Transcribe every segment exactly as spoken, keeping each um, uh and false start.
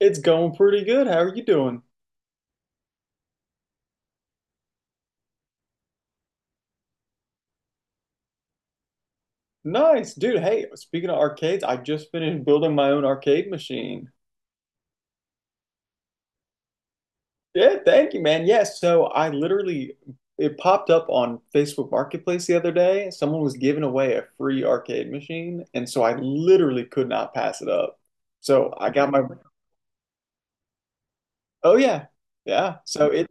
It's going pretty good. How are you doing? Nice, dude. Hey, speaking of arcades, I just finished building my own arcade machine. Yeah, thank you, man. Yeah, so I literally it popped up on Facebook Marketplace the other day. Someone was giving away a free arcade machine, and so I literally could not pass it up. So I got my oh yeah. Yeah. So it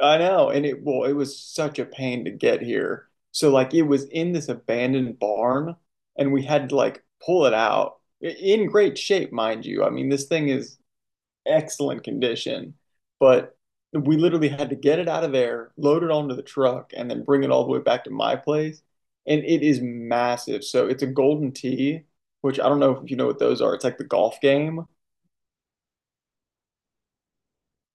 I know, and it well, it was such a pain to get here. So like it was in this abandoned barn, and we had to like pull it out I- in great shape, mind you. I mean, this thing is excellent condition, but we literally had to get it out of there, load it onto the truck, and then bring it all the way back to my place. And it is massive. So it's a golden tee, which I don't know if you know what those are. It's like the golf game.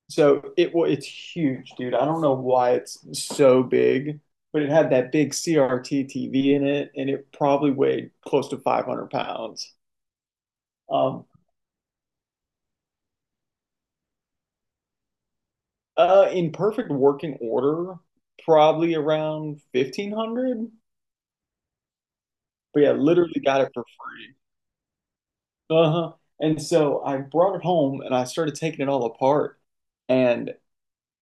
So it well, it's huge, dude. I don't know why it's so big, but it had that big C R T T V in it, and it probably weighed close to five hundred pounds. Um, uh, in perfect working order, probably around fifteen hundred. But yeah, literally got it for free. Uh-huh. And so I brought it home and I started taking it all apart, and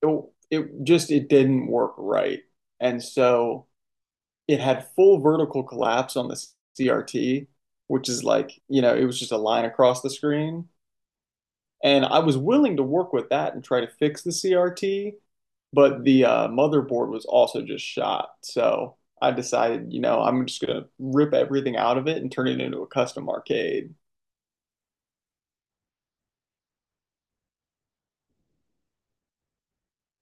it, it just it didn't work right. And so it had full vertical collapse on the C R T, which is like, you know, it was just a line across the screen. And I was willing to work with that and try to fix the C R T, but the uh, motherboard was also just shot. So I decided, you know, I'm just gonna rip everything out of it and turn it into a custom arcade.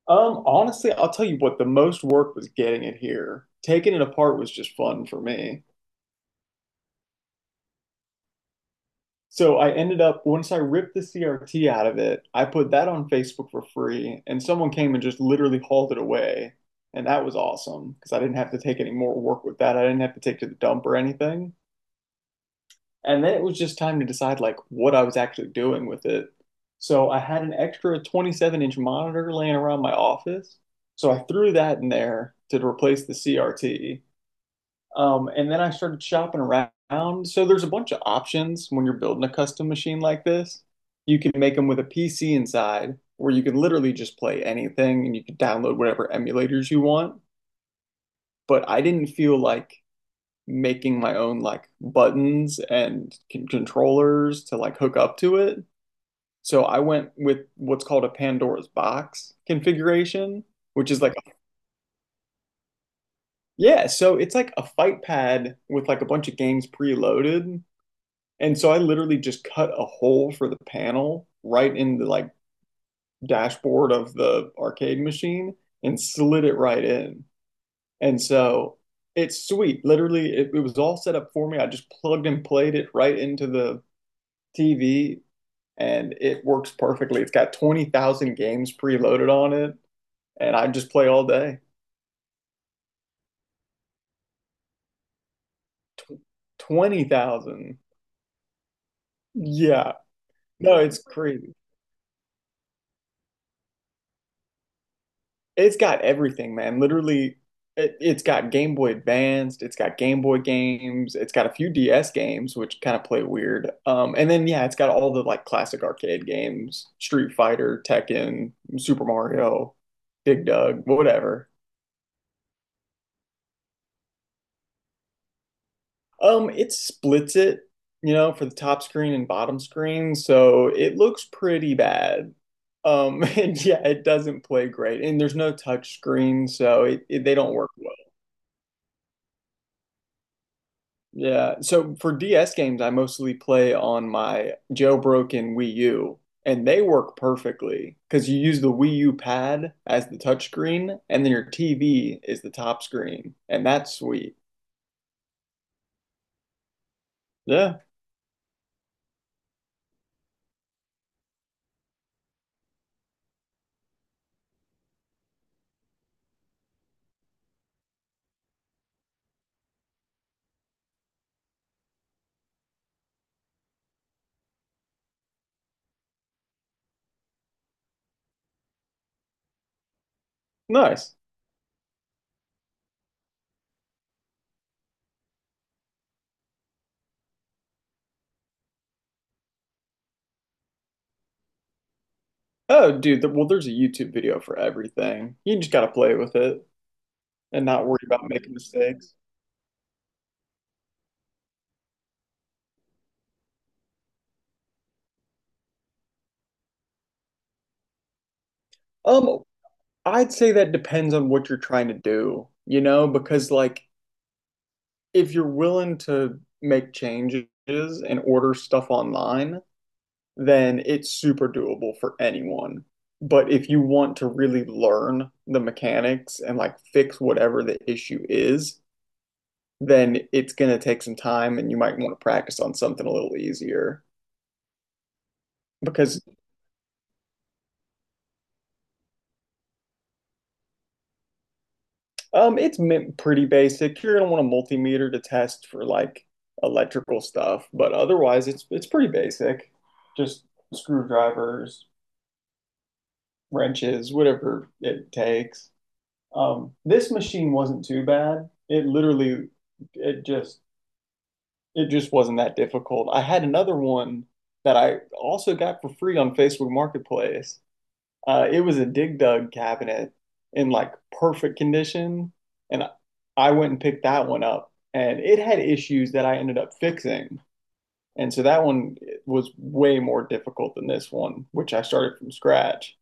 Um, honestly, I'll tell you what, the most work was getting it here. Taking it apart was just fun for me. So I ended up, once I ripped the C R T out of it, I put that on Facebook for free, and someone came and just literally hauled it away. And that was awesome because I didn't have to take any more work with that. I didn't have to take to the dump or anything. And then it was just time to decide like what I was actually doing with it. So I had an extra twenty-seven inch monitor laying around my office. So I threw that in there to replace the C R T. Um, and then I started shopping around. So there's a bunch of options when you're building a custom machine like this. You can make them with a P C inside, where you can literally just play anything and you can download whatever emulators you want. But I didn't feel like making my own like buttons and con- controllers to like hook up to it. So I went with what's called a Pandora's box configuration, which is like, yeah, so it's like a fight pad with like a bunch of games preloaded. And so I literally just cut a hole for the panel right in the like dashboard of the arcade machine and slid it right in. And so it's sweet. Literally, it, it was all set up for me. I just plugged and played it right into the T V and it works perfectly. It's got twenty thousand games preloaded on it and I just play all day. twenty thousand. Yeah. No, it's crazy. It's got everything, man. Literally, it, it's got Game Boy Advanced, it's got Game Boy games, it's got a few D S games, which kind of play weird. Um, and then yeah, it's got all the like classic arcade games, Street Fighter, Tekken, Super Mario, Dig Dug, whatever. Um, it splits it, you know, for the top screen and bottom screen, so it looks pretty bad. Um, and yeah, it doesn't play great, and there's no touch screen, so it, it, they don't work well. Yeah. So for D S games, I mostly play on my jailbroken Wii U, and they work perfectly because you use the Wii U pad as the touchscreen, and then your T V is the top screen, and that's sweet. Yeah, nice. Oh, dude, th well, there's a YouTube video for everything. You just gotta play with it and not worry about making mistakes. Um, I'd say that depends on what you're trying to do, you know, because like if you're willing to make changes and order stuff online, then it's super doable for anyone. But if you want to really learn the mechanics and like fix whatever the issue is, then it's going to take some time and you might want to practice on something a little easier because um, it's pretty basic. You're going to want a multimeter to test for like electrical stuff, but otherwise it's it's pretty basic. Just screwdrivers, wrenches, whatever it takes. Um, this machine wasn't too bad. It literally, it just, it just wasn't that difficult. I had another one that I also got for free on Facebook Marketplace. Uh, it was a Dig Dug cabinet in like perfect condition, and I went and picked that one up, and it had issues that I ended up fixing. And so that one was way more difficult than this one, which I started from scratch.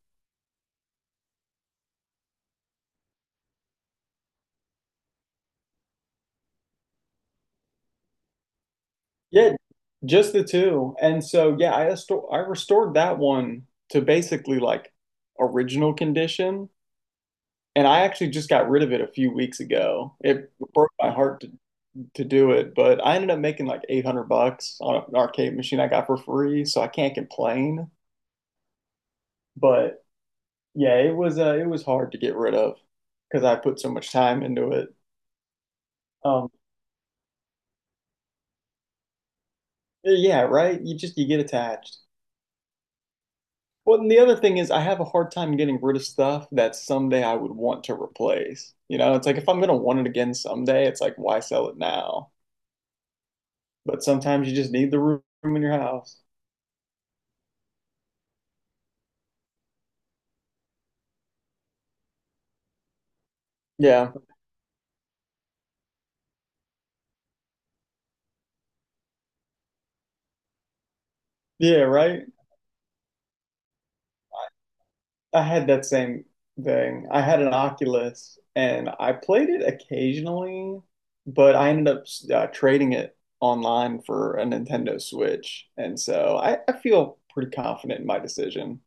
Yeah, just the two. And so yeah, I resto- I restored that one to basically like original condition. And I actually just got rid of it a few weeks ago. It broke my heart to, to do it, but I ended up making like eight hundred bucks on an arcade machine I got for free, so I can't complain. But yeah, it was uh, it was hard to get rid of because I put so much time into it. Um, yeah, right? You just you get attached. Well, and the other thing is, I have a hard time getting rid of stuff that someday I would want to replace. You know, it's like if I'm going to want it again someday, it's like, why sell it now? But sometimes you just need the room in your house. Yeah. Yeah, right? I had that same thing. I had an Oculus and I played it occasionally, but I ended up uh, trading it online for a Nintendo Switch. And so I, I feel pretty confident in my decision.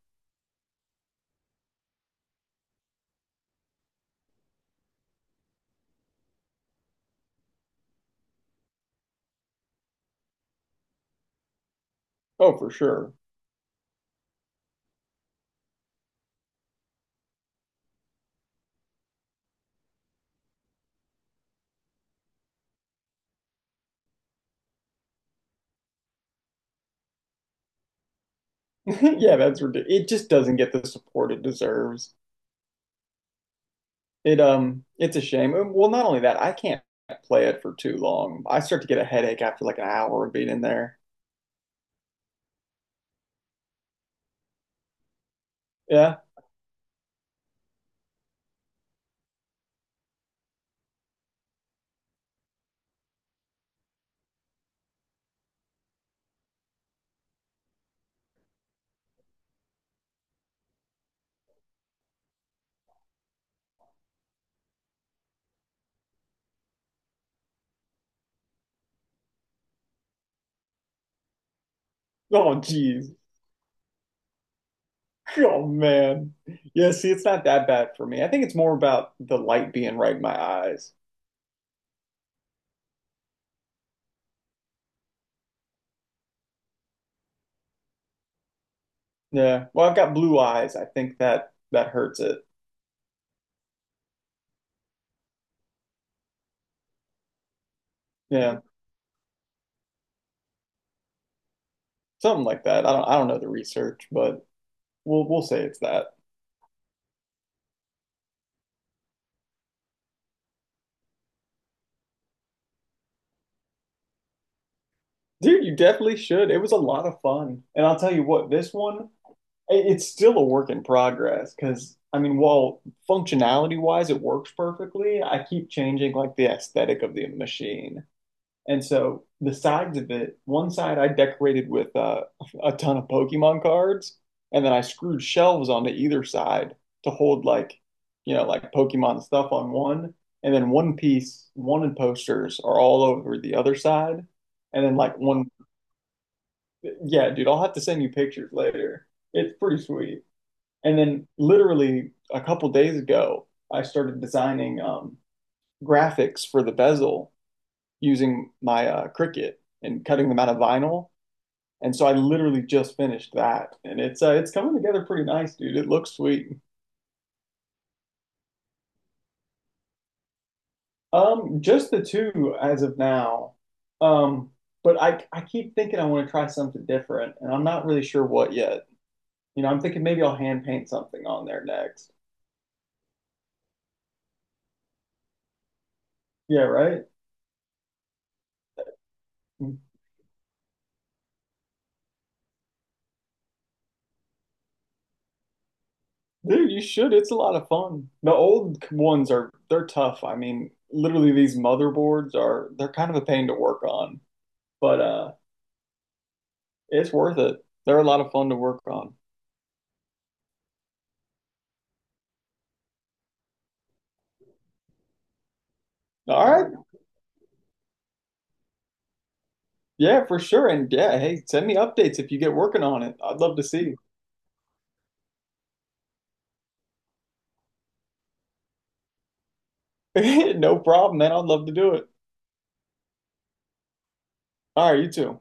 Oh, for sure. Yeah, that's ridiculous. It just doesn't get the support it deserves. It um, it's a shame. Uh, Well, not only that, I can't play it for too long. I start to get a headache after like an hour of being in there. Yeah. Oh, jeez. Oh man. Yeah. See, it's not that bad for me. I think it's more about the light being right in my eyes. Yeah. Well, I've got blue eyes. I think that that hurts it. Yeah. Something like that. I don't. I don't know the research, but we'll we'll say it's that. Dude, you definitely should. It was a lot of fun. And I'll tell you what, this one, it's still a work in progress because I mean, while functionality wise it works perfectly, I keep changing like the aesthetic of the machine. And so the sides of it, one side I decorated with uh, a ton of Pokemon cards, and then I screwed shelves onto either side to hold like, you know, like Pokemon stuff on one, and then one piece wanted posters are all over the other side, and then like one, yeah, dude, I'll have to send you pictures later. It's pretty sweet. And then literally a couple days ago, I started designing um, graphics for the bezel using my uh, Cricut and cutting them out of vinyl. And so I literally just finished that, and it's uh, it's coming together pretty nice, dude. It looks sweet. Um, just the two as of now. Um, but I I keep thinking I want to try something different, and I'm not really sure what yet. You know, I'm thinking maybe I'll hand paint something on there next. Yeah, right. Dude, you should. It's a lot of fun. The old ones are they're tough. I mean, literally these motherboards are they're kind of a pain to work on, but uh it's worth it. They're a lot of fun to work on. All right. Yeah, for sure. And yeah, hey, send me updates if you get working on it. I'd love to see. No problem, man. I'd love to do it. All right, you too.